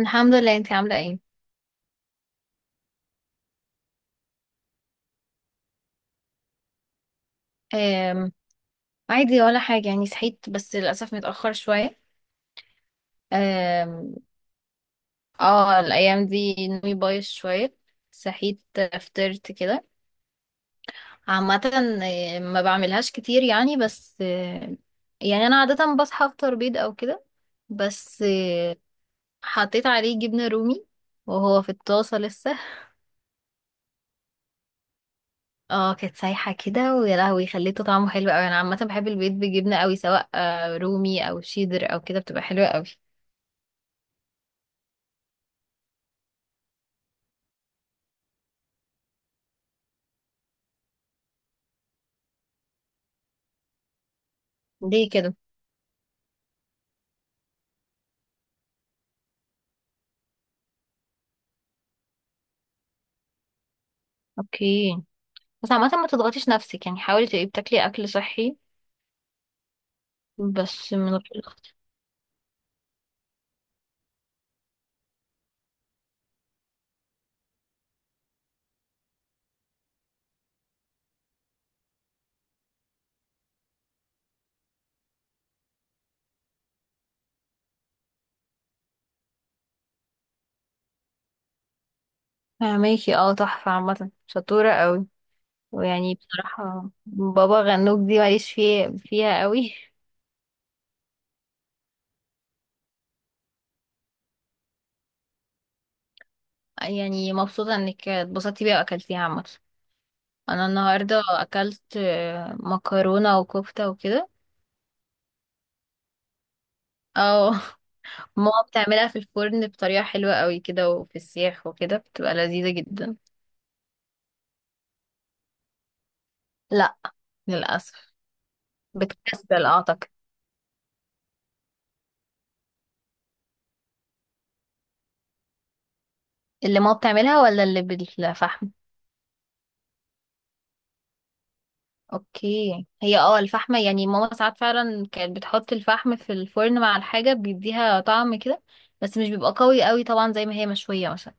الحمد لله، انتي عاملة ايه؟ أم عادي ولا حاجة، يعني صحيت بس للأسف متأخر شوية. أم اه الأيام دي نومي بايظ شوية. صحيت، فطرت كده. عامة ما بعملهاش كتير يعني، بس يعني أنا عادة بصحى أفطر بيض أو كده، بس حطيت عليه جبنة رومي وهو في الطاسة لسه. اه، كانت سايحة كده، ويا لهوي خليته طعمه حلو أوي. أنا عامة بحب البيض بجبنة أوي، سواء رومي أو شيدر أو كده، بتبقى حلوة أوي. ليه كده؟ اوكي، بس عامة ما تضغطيش نفسك، يعني حاولي تبقي بتاكلي اكل صحي، بس من غير ضغط. فهماكي، اه، تحفة، عامة شطورة قوي. ويعني بصراحة بابا غنوج دي ماليش فيها قوي. يعني مبسوطة انك اتبسطتي بيها واكلتيها. عامة انا النهاردة اكلت مكرونة وكفتة وكده. اه. ماما بتعملها في الفرن بطريقة حلوة قوي كده، وفي السياخ وكده، بتبقى لذيذة جدا. لا، للأسف بتكسل اعتقد. اللي ماما بتعملها ولا اللي بالفحم؟ اوكي، هي اه الفحمة، يعني ماما ساعات فعلا كانت بتحط الفحم في الفرن مع الحاجة، بيديها طعم كده، بس مش بيبقى قوي قوي طبعا زي ما هي مشوية مثلا.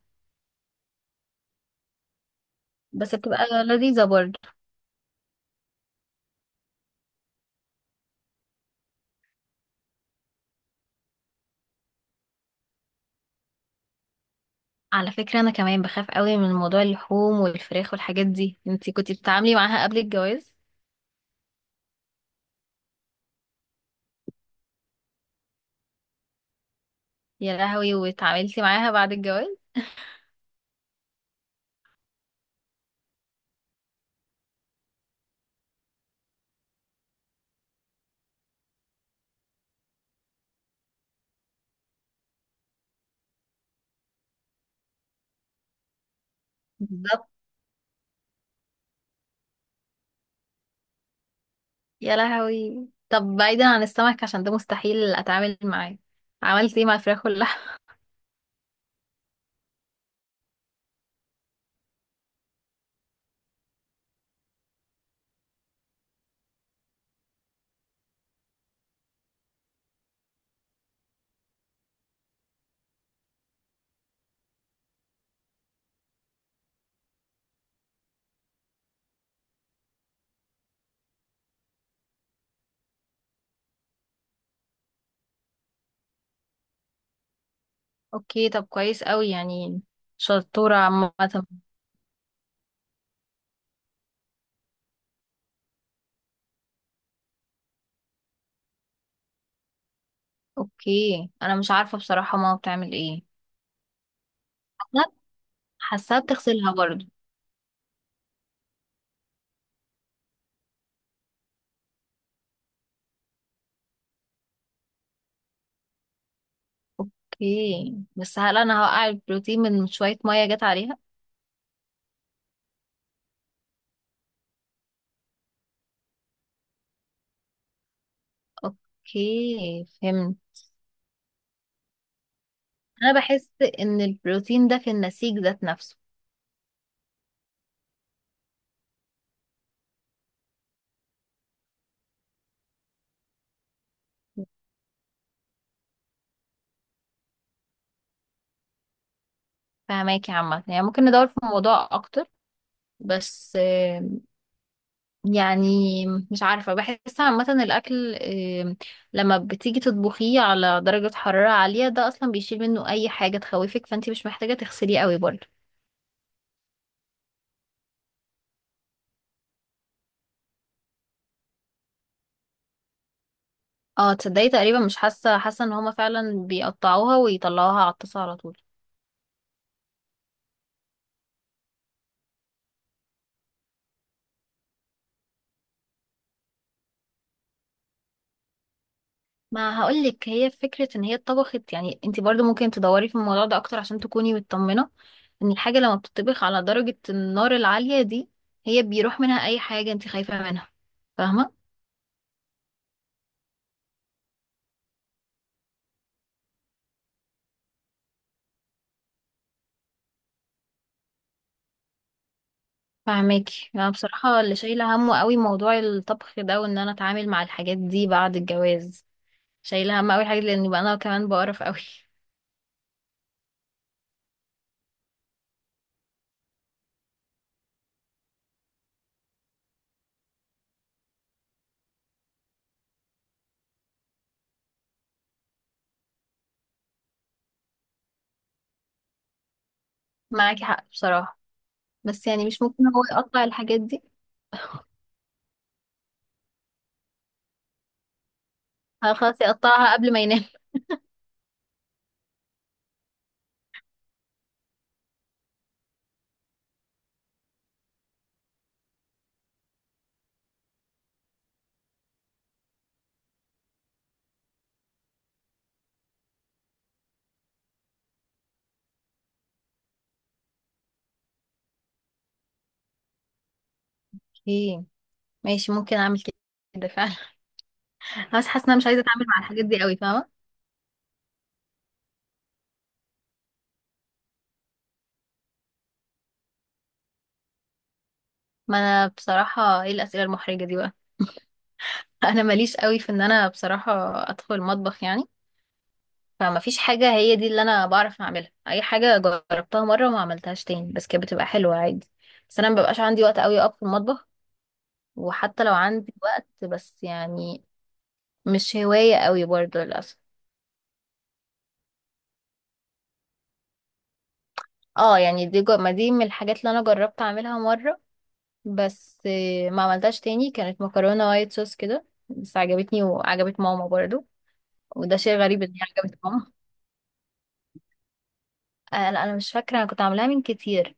بس بتبقى لذيذة برضه. على فكرة انا كمان بخاف قوي من موضوع اللحوم والفراخ والحاجات دي. انتي كنتي بتتعاملي معاها قبل الجواز؟ يا لهوي، واتعاملتي معاها بعد الجواز؟ بالظبط. يا لهوي، طب بعيدا عن السمك عشان ده مستحيل اتعامل معاه، عملتي ايه مع الفراخ؟ اوكي، طب كويس قوي يعني. شطورة عامة. اوكي، انا مش عارفة بصراحة ماما بتعمل ايه. حاساها، حاساها بتغسلها برضو. اوكي، بس هل انا هوقع البروتين من شوية مية جت عليها؟ اوكي، فهمت. انا بحس ان البروتين ده في النسيج ذات نفسه. فهماكي، عامة يعني ممكن ندور في الموضوع اكتر، بس يعني مش عارفة. بحس عامة الأكل، لما بتيجي تطبخيه على درجة حرارة عالية، ده أصلا بيشيل منه أي حاجة تخوفك، فانتي مش محتاجة تغسليه قوي برضه. اه، تصدقي تقريبا مش حاسة ان هما فعلا بيقطعوها ويطلعوها على الطاسة على طول. ما هقولك، هي فكرة ان هي اتطبخت. يعني انتي برضه ممكن تدوري في الموضوع ده أكتر، عشان تكوني مطمنة ان الحاجة لما بتطبخ على درجة النار العالية دي، هي بيروح منها أي حاجة انتي خايفة منها. فاهمة؟ فاهماكي. انا بصراحه اللي شايله همه قوي موضوع الطبخ ده، وان انا اتعامل مع الحاجات دي بعد الجواز. شايله هم قوي حاجه، لان بقى انا كمان بقرف قوي. معاكي حق بصراحه. بس يعني مش ممكن هو يقطع الحاجات دي؟ آه، خلاص يقطعها قبل ما ينام. اوكي، ماشي، ممكن اعمل كده فعلا. بس حاسه ان انا مش عايزه اتعامل مع الحاجات دي قوي، فاهمه. ما انا بصراحه، ايه الاسئله المحرجه دي بقى؟ انا ماليش قوي في ان انا بصراحه ادخل المطبخ يعني. فما فيش حاجة هي دي اللي انا بعرف اعملها. اي حاجة جربتها مرة وما عملتهاش تاني، بس كانت بتبقى حلوة عادي. بس انا مببقاش عندي وقت قوي اقف في المطبخ، وحتى لو عندي وقت، بس يعني مش هواية قوي برضو للأسف. اه، يعني دي ما دي من الحاجات اللي انا جربت اعملها مرة، بس ما عملتهاش تاني. كانت مكرونة وايت صوص كده، بس عجبتني وعجبت ماما برضو، وده شيء غريب ان هي عجبت ماما. آه لا، انا مش فاكرة، انا كنت عاملاها من كتير.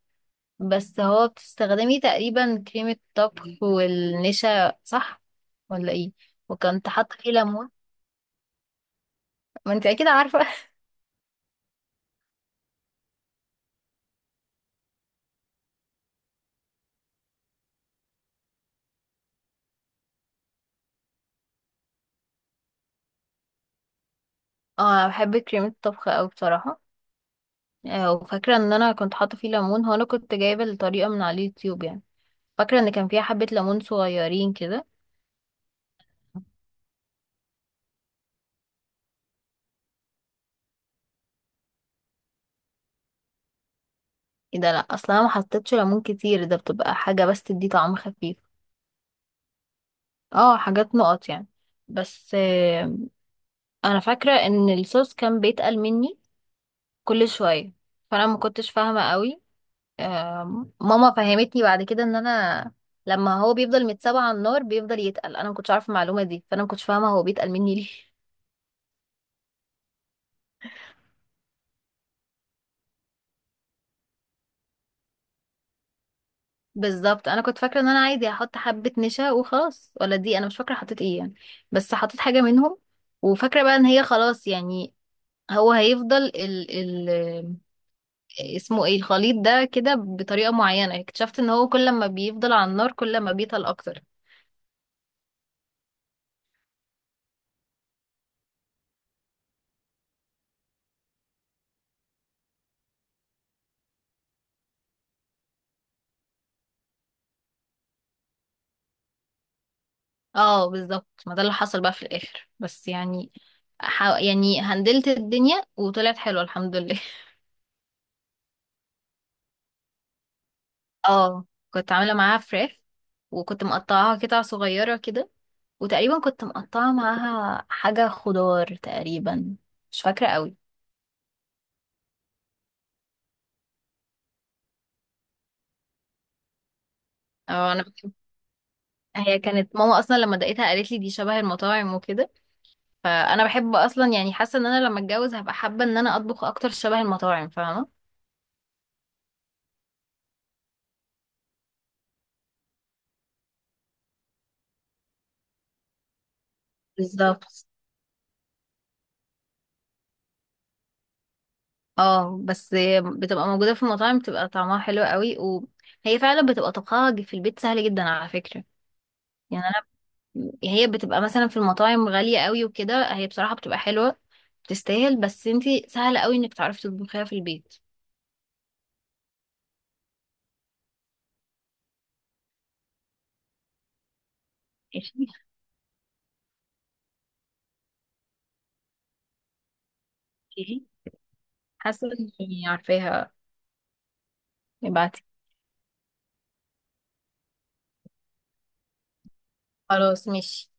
بس هو بتستخدمي تقريبا كريمة طبخ والنشا، صح ولا ايه؟ وكنت حاطة فيه ليمون. ما انت اكيد عارفة. اه، أنا بحب كريمة الطبخ اوي بصراحة. وفاكرة ان انا كنت حاطة فيه ليمون. هو انا كنت جايبة الطريقة من على اليوتيوب يعني، فاكرة ان كان فيها حبة ليمون صغيرين كده. ايه ده، لا اصلا انا ما حطيتش ليمون كتير. ده بتبقى حاجة بس تدي طعم خفيف. اه، حاجات نقط يعني. بس انا فاكرة ان الصوص كان بيتقل مني كل شوية، فانا ما كنتش فاهمة قوي. ماما فهمتني بعد كده ان انا لما هو بيفضل متسابع على النار بيفضل يتقل. انا ما كنتش عارفه المعلومه دي، فانا ما كنتش فاهمه هو بيتقل مني ليه. بالظبط. انا كنت فاكره ان انا عادي هحط حبه نشا وخلاص، ولا دي انا مش فاكره حطيت ايه يعني، بس حطيت حاجه منهم. وفاكره بقى ان هي خلاص يعني، هو هيفضل ال اسمه ايه الخليط ده كده بطريقه معينه. اكتشفت ان هو كل ما بيفضل على النار، كل ما بيتقل اكتر. اه، بالظبط، ما ده اللي حصل بقى في الاخر. بس يعني يعني هندلت الدنيا وطلعت حلوه الحمد لله. اه، كنت عامله معاها فراخ، وكنت مقطعاها قطع صغيره كده، وتقريبا كنت مقطعه معاها حاجه خضار تقريبا، مش فاكره قوي. اه، انا بحب. هي كانت ماما اصلا لما دقيتها قالت لي دي شبه المطاعم وكده، فانا بحب اصلا يعني. حاسه ان انا لما اتجوز هبقى حابه ان انا اطبخ اكتر شبه المطاعم، فاهمه؟ بالظبط. اه، بس بتبقى موجودة في المطاعم، بتبقى طعمها حلو قوي. وهي فعلا بتبقى طبخها في البيت سهل جدا على فكرة. يعني انا، هي بتبقى مثلا في المطاعم غالية قوي وكده، هي بصراحة بتبقى حلوة، بتستاهل، بس انتي سهل قوي انك تعرفي تطبخيها في البيت. ايش؟ احكيلي. حاسة اني عارفاها. ابعتي. خلاص، ماشي.